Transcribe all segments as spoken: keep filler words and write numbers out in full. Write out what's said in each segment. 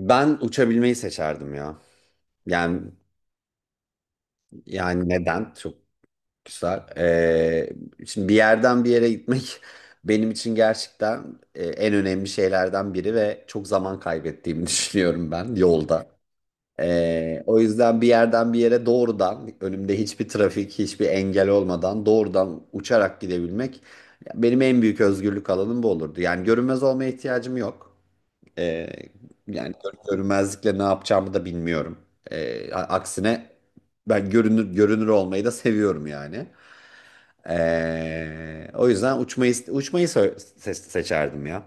Ben uçabilmeyi seçerdim ya. Yani yani neden? Çok güzel. Ee, şimdi bir yerden bir yere gitmek benim için gerçekten e, en önemli şeylerden biri ve çok zaman kaybettiğimi düşünüyorum ben yolda. Ee, o yüzden bir yerden bir yere doğrudan önümde hiçbir trafik, hiçbir engel olmadan doğrudan uçarak gidebilmek benim en büyük özgürlük alanım bu olurdu. Yani görünmez olmaya ihtiyacım yok. Ee, yani gör- görünmezlikle ne yapacağımı da bilmiyorum. Ee, a- aksine ben görünür görünür olmayı da seviyorum yani. Ee, o yüzden uçmayı uçmayı se- se- seçerdim ya.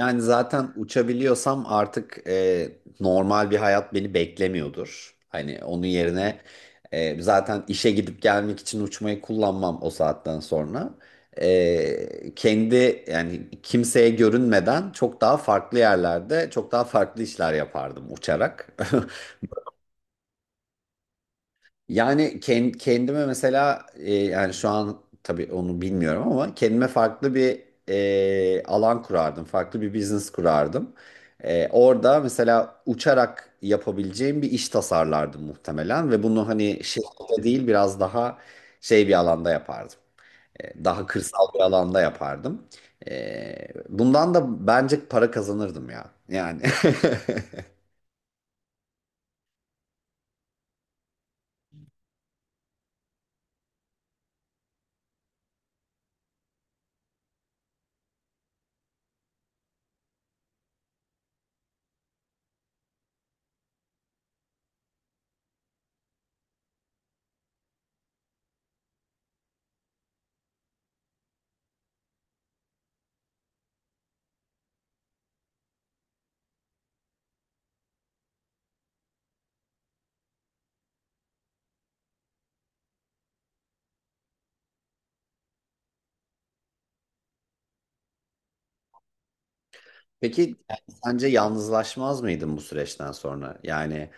Yani zaten uçabiliyorsam artık e, normal bir hayat beni beklemiyordur. Hani onun yerine e, zaten işe gidip gelmek için uçmayı kullanmam o saatten sonra. E, kendi yani kimseye görünmeden çok daha farklı yerlerde çok daha farklı işler yapardım uçarak. Yani ken- kendime mesela e, yani şu an tabii onu bilmiyorum ama kendime farklı bir e, alan kurardım. Farklı bir business kurardım. E, orada mesela uçarak yapabileceğim bir iş tasarlardım muhtemelen ve bunu hani şirkette değil biraz daha şey bir alanda yapardım. E, daha kırsal bir alanda yapardım. E, bundan da bence para kazanırdım ya. Yani. Peki yani sence yalnızlaşmaz mıydın bu süreçten sonra? Yani.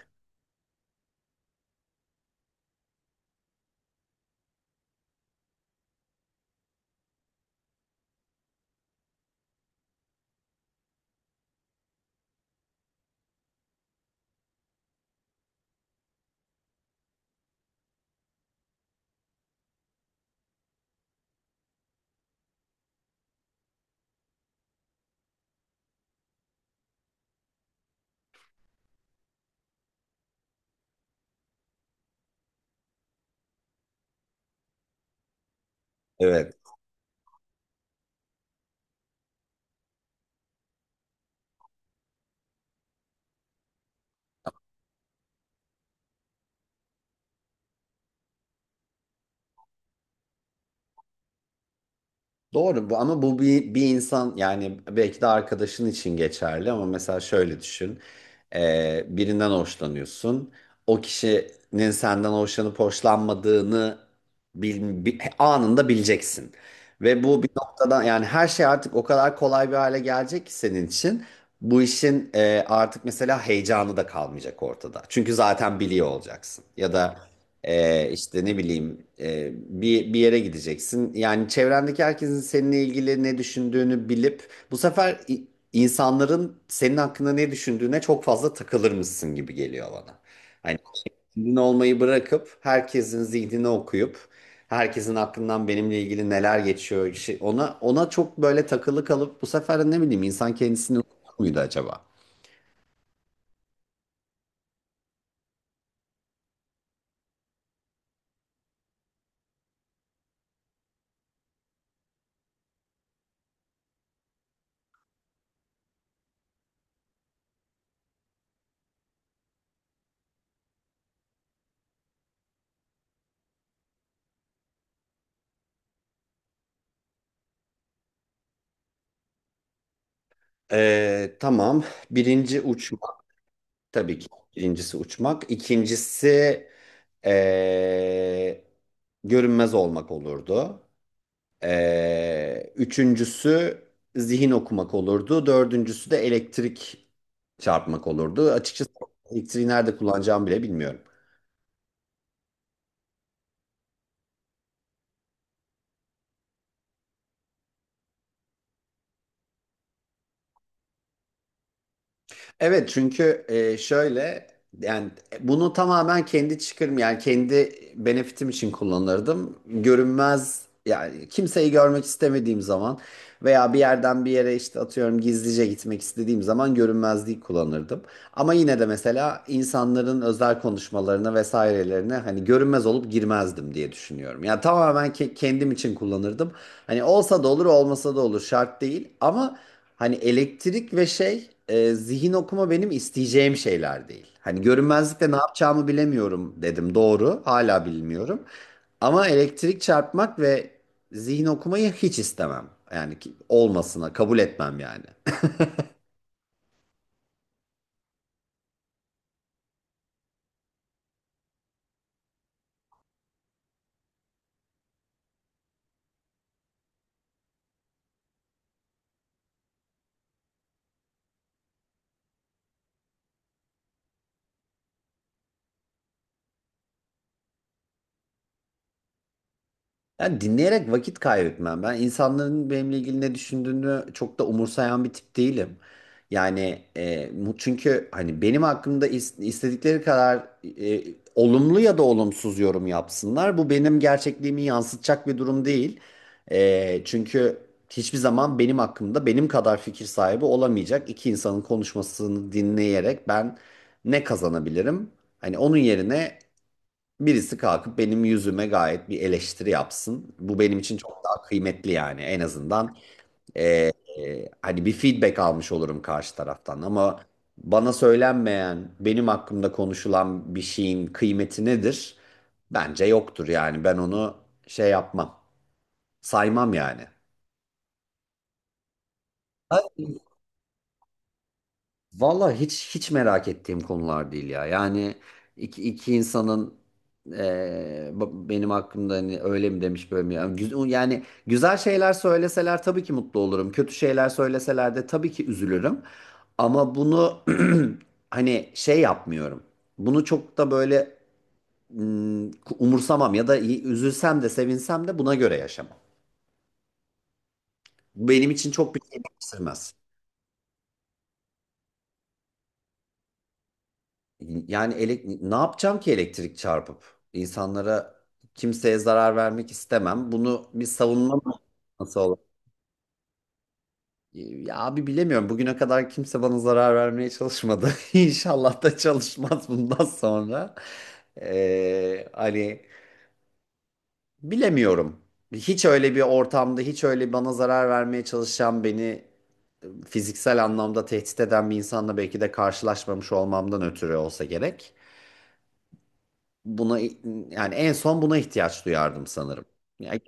Evet. Doğru bu ama bu bir, bir insan yani belki de arkadaşın için geçerli ama mesela şöyle düşün. Ee, birinden hoşlanıyorsun. O kişinin senden hoşlanıp hoşlanmadığını bil- bi- anında bileceksin. Ve bu bir noktadan yani her şey artık o kadar kolay bir hale gelecek ki senin için. Bu işin e, artık mesela heyecanı da kalmayacak ortada. Çünkü zaten biliyor olacaksın. Ya da. Ee, işte ne bileyim e, bir, bir yere gideceksin. Yani çevrendeki herkesin seninle ilgili ne düşündüğünü bilip bu sefer i- insanların senin hakkında ne düşündüğüne çok fazla takılır mısın gibi geliyor bana. Hani kendin olmayı bırakıp herkesin zihnini okuyup herkesin aklından benimle ilgili neler geçiyor şey- ona ona çok böyle takılı kalıp bu sefer de ne bileyim insan kendisini okur muydu acaba? Ee, tamam. Birinci uçma. Tabii ki. Birincisi uçmak. İkincisi eee, görünmez olmak olurdu. Eee, üçüncüsü zihin okumak olurdu. Dördüncüsü de elektrik çarpmak olurdu. Açıkçası elektriği nerede kullanacağımı bile bilmiyorum. Evet çünkü e, şöyle yani bunu tamamen kendi çıkarım yani kendi benefitim için kullanırdım. Görünmez yani kimseyi görmek istemediğim zaman veya bir yerden bir yere işte atıyorum gizlice gitmek istediğim zaman görünmezliği kullanırdım. Ama yine de mesela insanların özel konuşmalarına vesairelerine hani görünmez olup girmezdim diye düşünüyorum. Yani tamamen ke- kendim için kullanırdım. Hani olsa da olur, olmasa da olur şart değil. Ama hani elektrik ve şey e, zihin okuma benim isteyeceğim şeyler değil. Hani görünmezlikle ne yapacağımı bilemiyorum dedim doğru. Hala bilmiyorum. Ama elektrik çarpmak ve zihin okumayı hiç istemem. Yani ki- olmasına kabul etmem yani. Yani dinleyerek vakit kaybetmem. Ben insanların benimle ilgili ne düşündüğünü çok da umursayan bir tip değilim. Yani e, mu- çünkü hani benim hakkımda is- istedikleri kadar e, olumlu ya da olumsuz yorum yapsınlar. Bu benim gerçekliğimi yansıtacak bir durum değil. E, çünkü hiçbir zaman benim hakkımda benim kadar fikir sahibi olamayacak iki insanın konuşmasını dinleyerek ben ne kazanabilirim? Hani onun yerine birisi kalkıp benim yüzüme gayet bir eleştiri yapsın. Bu benim için çok daha kıymetli yani. En azından eee, hani bir feedback almış olurum karşı taraftan. Ama bana söylenmeyen, benim hakkımda konuşulan bir şeyin kıymeti nedir? Bence yoktur yani. Ben onu şey yapmam, saymam yani. Ay, valla hiç hiç merak ettiğim konular değil ya. Yani iki, iki insanın eee, b- benim hakkımda hani öyle mi demiş böyle mi? Yani, güz- yani güzel şeyler söyleseler tabii ki mutlu olurum. Kötü şeyler söyleseler de tabii ki üzülürüm. Ama bunu hani şey yapmıyorum. Bunu çok da böyle mm, umursamam ya da y- üzülsem de sevinsem de buna göre yaşamam. Bu benim için çok bir şey değiştirmez. Yani elek- ne yapacağım ki elektrik çarpıp? İnsanlara kimseye zarar vermek istemem. Bunu bir savunma mı- nasıl olur? Ee, Ya abi bilemiyorum. Bugüne kadar kimse bana zarar vermeye çalışmadı. İnşallah da çalışmaz bundan sonra. Ee, hani bilemiyorum. Hiç öyle bir ortamda, hiç öyle bana zarar vermeye çalışan, beni e, fiziksel anlamda tehdit eden bir insanla belki de karşılaşmamış olmamdan ötürü olsa gerek. Buna yani en son buna ihtiyaç duyardım sanırım. Yani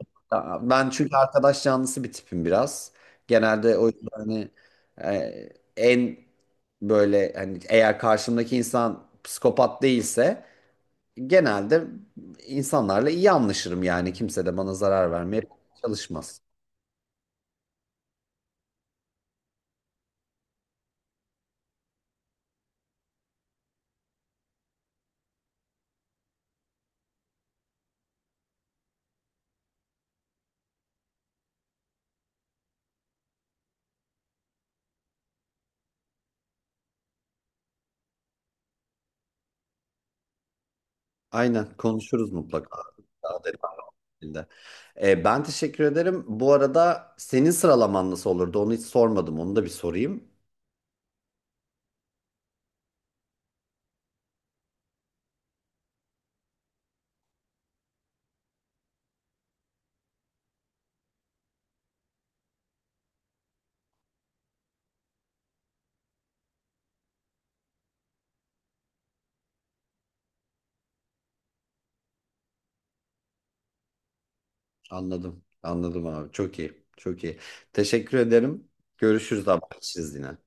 ben çünkü arkadaş canlısı bir tipim biraz. Genelde o yüzden hani e, en böyle hani eğer karşımdaki insan psikopat değilse genelde insanlarla iyi anlaşırım yani kimse de bana zarar vermeye çalışmaz. Aynen konuşuruz mutlaka. Daha detaylı. E, ben teşekkür ederim. Bu arada senin sıralaman nasıl olurdu? Onu hiç sormadım. Onu da bir sorayım. Anladım. Anladım abi. Çok iyi. Çok iyi. Teşekkür ederim. Görüşürüz abi. Çiz yine.